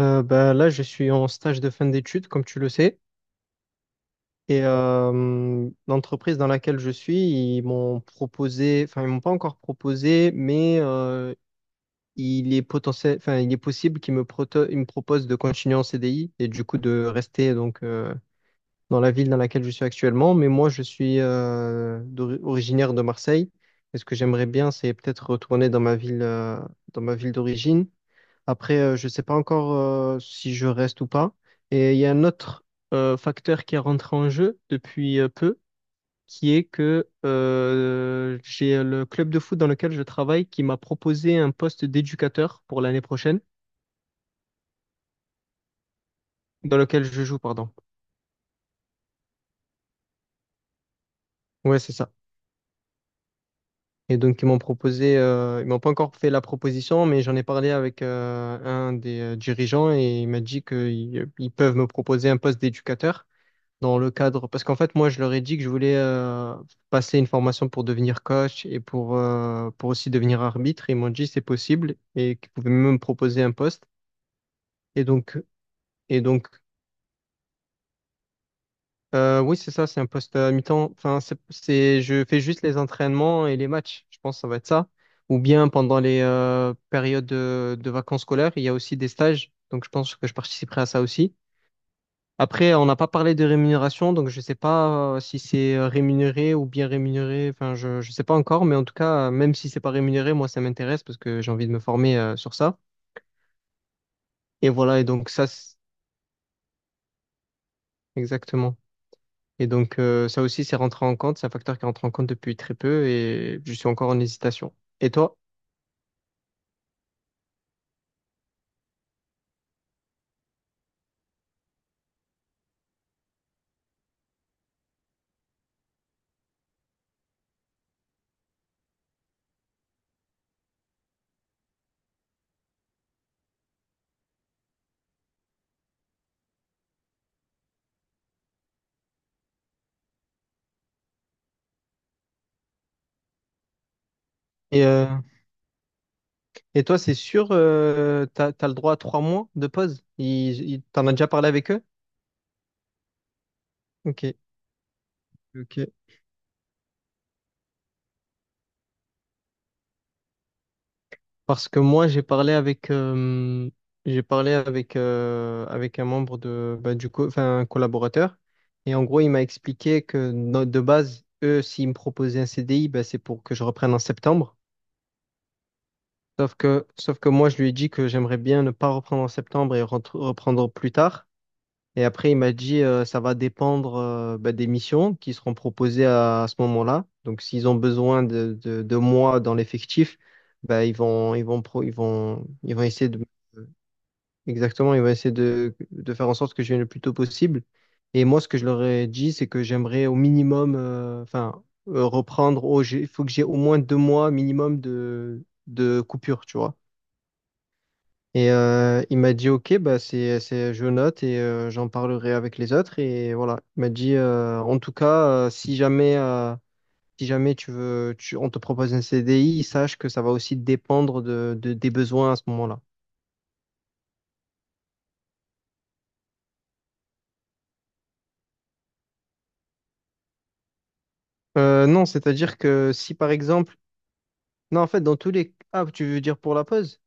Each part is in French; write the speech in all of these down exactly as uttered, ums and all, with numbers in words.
Euh, bah, là, je suis en stage de fin d'études, comme tu le sais. Et euh, l'entreprise dans laquelle je suis, ils m'ont proposé, enfin, ils m'ont pas encore proposé, mais euh, il est potentiel, enfin, il est possible qu'ils me, proto- ils me proposent de continuer en C D I et du coup de rester, donc euh, dans la ville dans laquelle je suis actuellement. Mais moi, je suis euh, d'ori- originaire de Marseille. Et ce que j'aimerais bien, c'est peut-être retourner dans ma ville, euh, dans ma ville d'origine. Après, euh, je ne sais pas encore euh, si je reste ou pas. Et il y a un autre euh, facteur qui est rentré en jeu depuis euh, peu, qui est que euh, j'ai le club de foot dans lequel je travaille qui m'a proposé un poste d'éducateur pour l'année prochaine, dans lequel je joue, pardon. Ouais, c'est ça. Et donc, ils m'ont proposé, euh, ils m'ont pas encore fait la proposition, mais j'en ai parlé avec euh, un des euh, dirigeants, et il m'a dit qu'ils peuvent me proposer un poste d'éducateur dans le cadre, parce qu'en fait, moi, je leur ai dit que je voulais euh, passer une formation pour devenir coach et pour, euh, pour aussi devenir arbitre. Ils m'ont dit c'est possible et qu'ils pouvaient même me proposer un poste. Et donc, et donc euh, oui, c'est ça, c'est un poste à mi-temps. Enfin, c'est, c'est- je fais juste les entraînements et les matchs. Je pense que ça va être ça. Ou bien pendant les euh, périodes de, de vacances scolaires, il y a aussi des stages. Donc, je pense que je participerai à ça aussi. Après, on n'a pas parlé de rémunération, donc je ne sais pas euh, si c'est euh, rémunéré ou bien rémunéré. Enfin, je ne sais pas encore, mais en tout cas, euh, même si c'est pas rémunéré, moi, ça m'intéresse parce que j'ai envie de me former euh, sur ça. Et voilà. Et donc ça, c'est- exactement. Et donc, euh, ça aussi, c'est rentré en compte, c'est un facteur qui rentre en compte depuis très peu, et je suis encore en hésitation. Et toi? Et, euh, et toi, c'est sûr, euh, t'as, t'as le droit à trois mois de pause? Ils, ils- t'en as déjà parlé avec eux? Ok, ok. Parce que moi, j'ai parlé avec, euh, j'ai parlé avec, euh, avec un membre de, bah, du co- enfin, un collaborateur. Et en gros, il m'a expliqué que, no- de base, eux, s'ils me proposaient un C D I, bah, c'est pour que je reprenne en septembre. Sauf que, sauf que moi, je lui ai dit que j'aimerais bien ne pas reprendre en septembre et rentr- reprendre plus tard. Et après, il m'a dit, euh, ça va dépendre, euh, bah, des missions qui seront proposées à, à ce moment-là. Donc, s'ils ont besoin de, de, de moi dans l'effectif, bah, ils vont, ils vont, pro- ils vont, ils vont essayer de... Exactement, il va essayer de, de faire en sorte que je vienne le plus tôt possible. Et moi, ce que je leur ai dit, c'est que j'aimerais au minimum, euh, enfin, euh, reprendre, au- j'ai- il faut que j'ai au moins deux mois minimum de, de coupure, tu vois. Et euh, il m'a dit, OK, bah c'est, c'est, je note, et euh, j'en parlerai avec les autres. Et voilà, il m'a dit, euh, en tout cas, euh, si jamais, euh, si jamais tu veux, tu, on te propose un C D I, sache que ça va aussi dépendre de, de- des besoins à ce moment-là. Euh, non, c'est-à-dire que si par exemple... Non, en fait, dans tous les... Ah, tu veux dire pour la pause?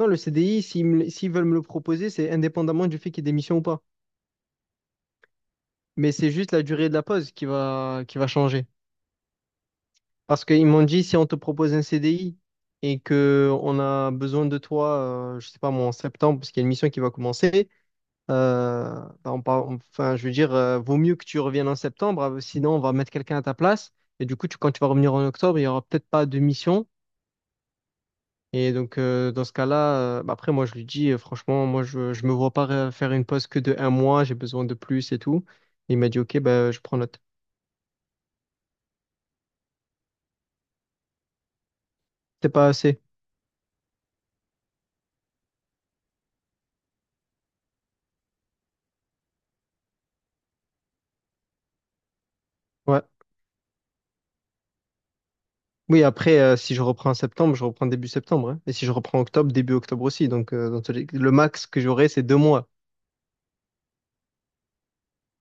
Non, le C D I, s'ils me- s'ils veulent me le proposer, c'est indépendamment du fait qu'il y ait des missions ou pas. Mais c'est juste la durée de la pause qui va, qui va changer. Parce qu'ils m'ont dit, si on te propose un C D I et que on a besoin de toi, euh, je sais pas moi, en septembre, parce qu'il y a une mission qui va commencer, euh, bah, on par- enfin, je veux dire, euh, vaut mieux que tu reviennes en septembre, euh, sinon on va mettre quelqu'un à ta place. Et du coup, tu- quand tu vas revenir en octobre, il y aura peut-être pas de mission. Et donc, euh, dans ce cas-là, euh, bah après, moi, je lui dis, euh, franchement, moi, je, je me vois pas ré- faire une pause que de un mois, j'ai besoin de plus et tout. Il m'a dit, OK, bah, je prends note. C'est pas assez. Ouais. Oui, après, euh, si je reprends en septembre, je reprends début septembre, hein. Et si je reprends octobre, début octobre aussi. Donc, euh, dans tous les- le max que j'aurai, c'est deux mois.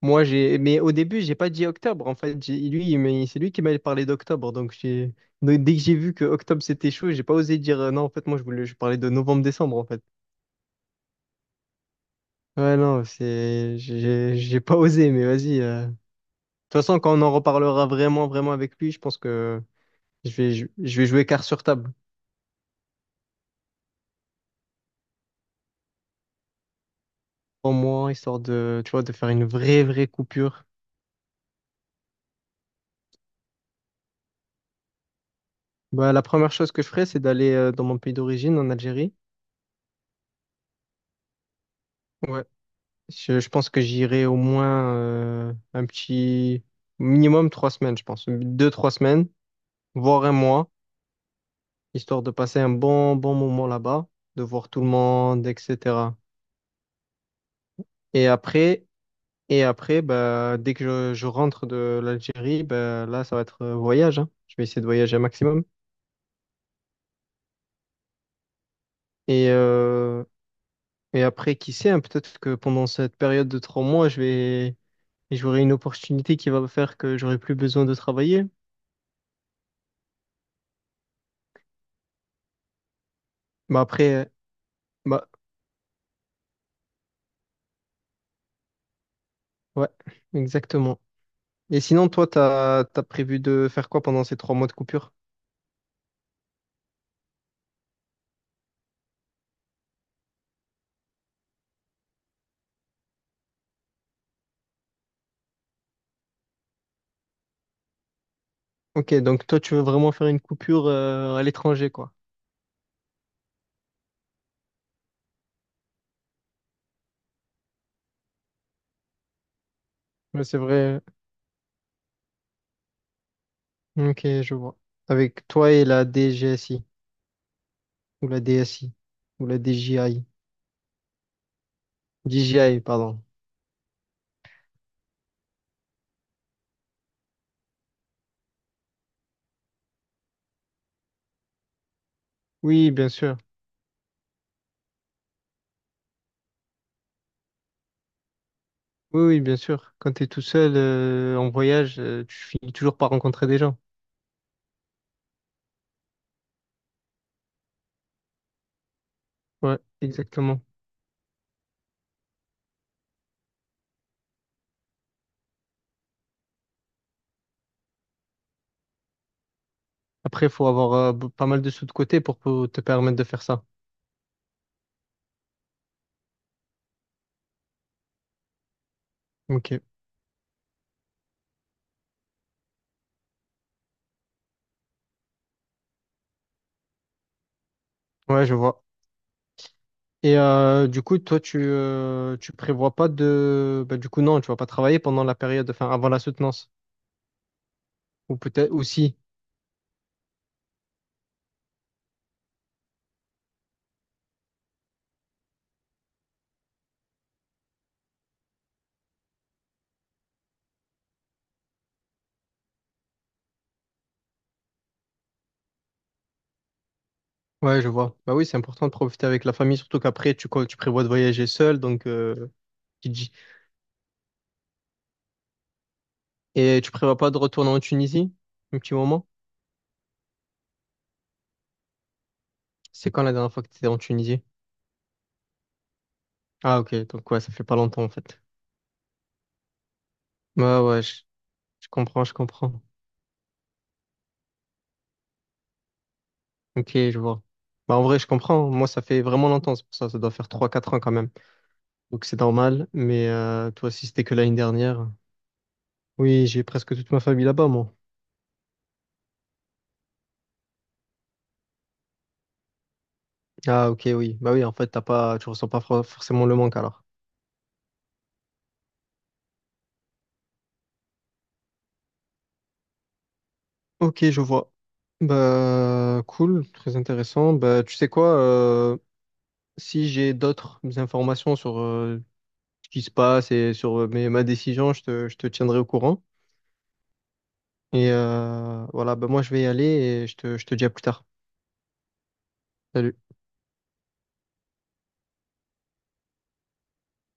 Moi, j'ai, mais au début, j'ai pas dit octobre. En fait, j'ai- lui, il m'a- c'est lui qui m'a parlé d'octobre. Donc, j'ai, donc, dès que j'ai vu que octobre, c'était chaud, j'ai pas osé dire, euh, non, en fait, moi, je voulais, je parlais de novembre-décembre, en fait. Ouais, non, c'est, j'ai, j'ai pas osé, mais vas-y. euh. De toute façon, quand on en reparlera vraiment, vraiment avec lui, je pense que je vais, je, je vais jouer carte sur table. Pour moi, histoire de, tu vois, de faire une vraie, vraie coupure. Bah, la première chose que je ferai, c'est d'aller euh, dans mon pays d'origine, en Algérie. Ouais. Je, je pense que j'irai au moins euh, un petit minimum trois semaines, je pense. Deux, trois semaines, voire un mois, histoire de passer un bon, bon moment là-bas, de voir tout le monde, et cetera. Et après, Et après, bah, dès que je, je rentre de l'Algérie, bah, là, ça va être euh, voyage, hein. Je vais essayer de voyager un maximum. Et, euh, et après, qui sait, hein, peut-être que pendant cette période de trois mois, je vais, j'aurai une opportunité qui va faire que j'aurai plus besoin de travailler. Bah, après, euh, bah, ouais, exactement. Et sinon, toi, t'as, t'as prévu de faire quoi pendant ces trois mois de coupure? Ok, donc toi, tu veux vraiment faire une coupure euh, à l'étranger, quoi. Ouais, c'est vrai. Ok, je vois. Avec toi et la D G S I, ou la D S I, ou la D J I. DJI, pardon. Oui, bien sûr. Oui, oui, bien sûr. Quand tu es tout seul euh, en voyage, euh, tu finis toujours par rencontrer des gens. Ouais, exactement. Après, il faut avoir euh, b- pas mal de sous de côté pour, pou- te permettre de faire ça. Ok, ouais, je vois. Et euh, du coup, toi, tu, euh, tu prévois pas de... Bah, du coup, non, tu vas pas travailler pendant la période, enfin, avant la soutenance. Ou peut-être aussi. Ouais, je vois. Bah oui, c'est important de profiter avec la famille, surtout qu'après, tu, co- tu prévois de voyager seul, donc... euh, qui dit- Et tu prévois pas de retourner en Tunisie? Un petit moment? C'est quand la dernière fois que tu étais en Tunisie? Ah ok, donc ouais, ça fait pas longtemps en fait. Ouais, ouais, je, je comprends, je comprends. Ok, je vois. Bah en vrai, je comprends, hein. Moi, ça fait vraiment longtemps, c'est pour ça, ça doit faire trois quatre ans quand même. Donc c'est normal, mais euh, toi si c'était que l'année dernière. Oui, j'ai presque toute ma famille là-bas, moi. Ah ok, oui. Bah oui, en fait, t'as pas, tu ressens pas for- forcément le manque alors. Ok, je vois. Bah cool, très intéressant. Bah tu sais quoi, euh, si j'ai d'autres informations sur euh, ce qui se passe et sur euh, mes, ma décision, je te, je te tiendrai au courant. Et euh, voilà. Ben moi, je vais y aller, et je te, je te dis à plus tard. Salut.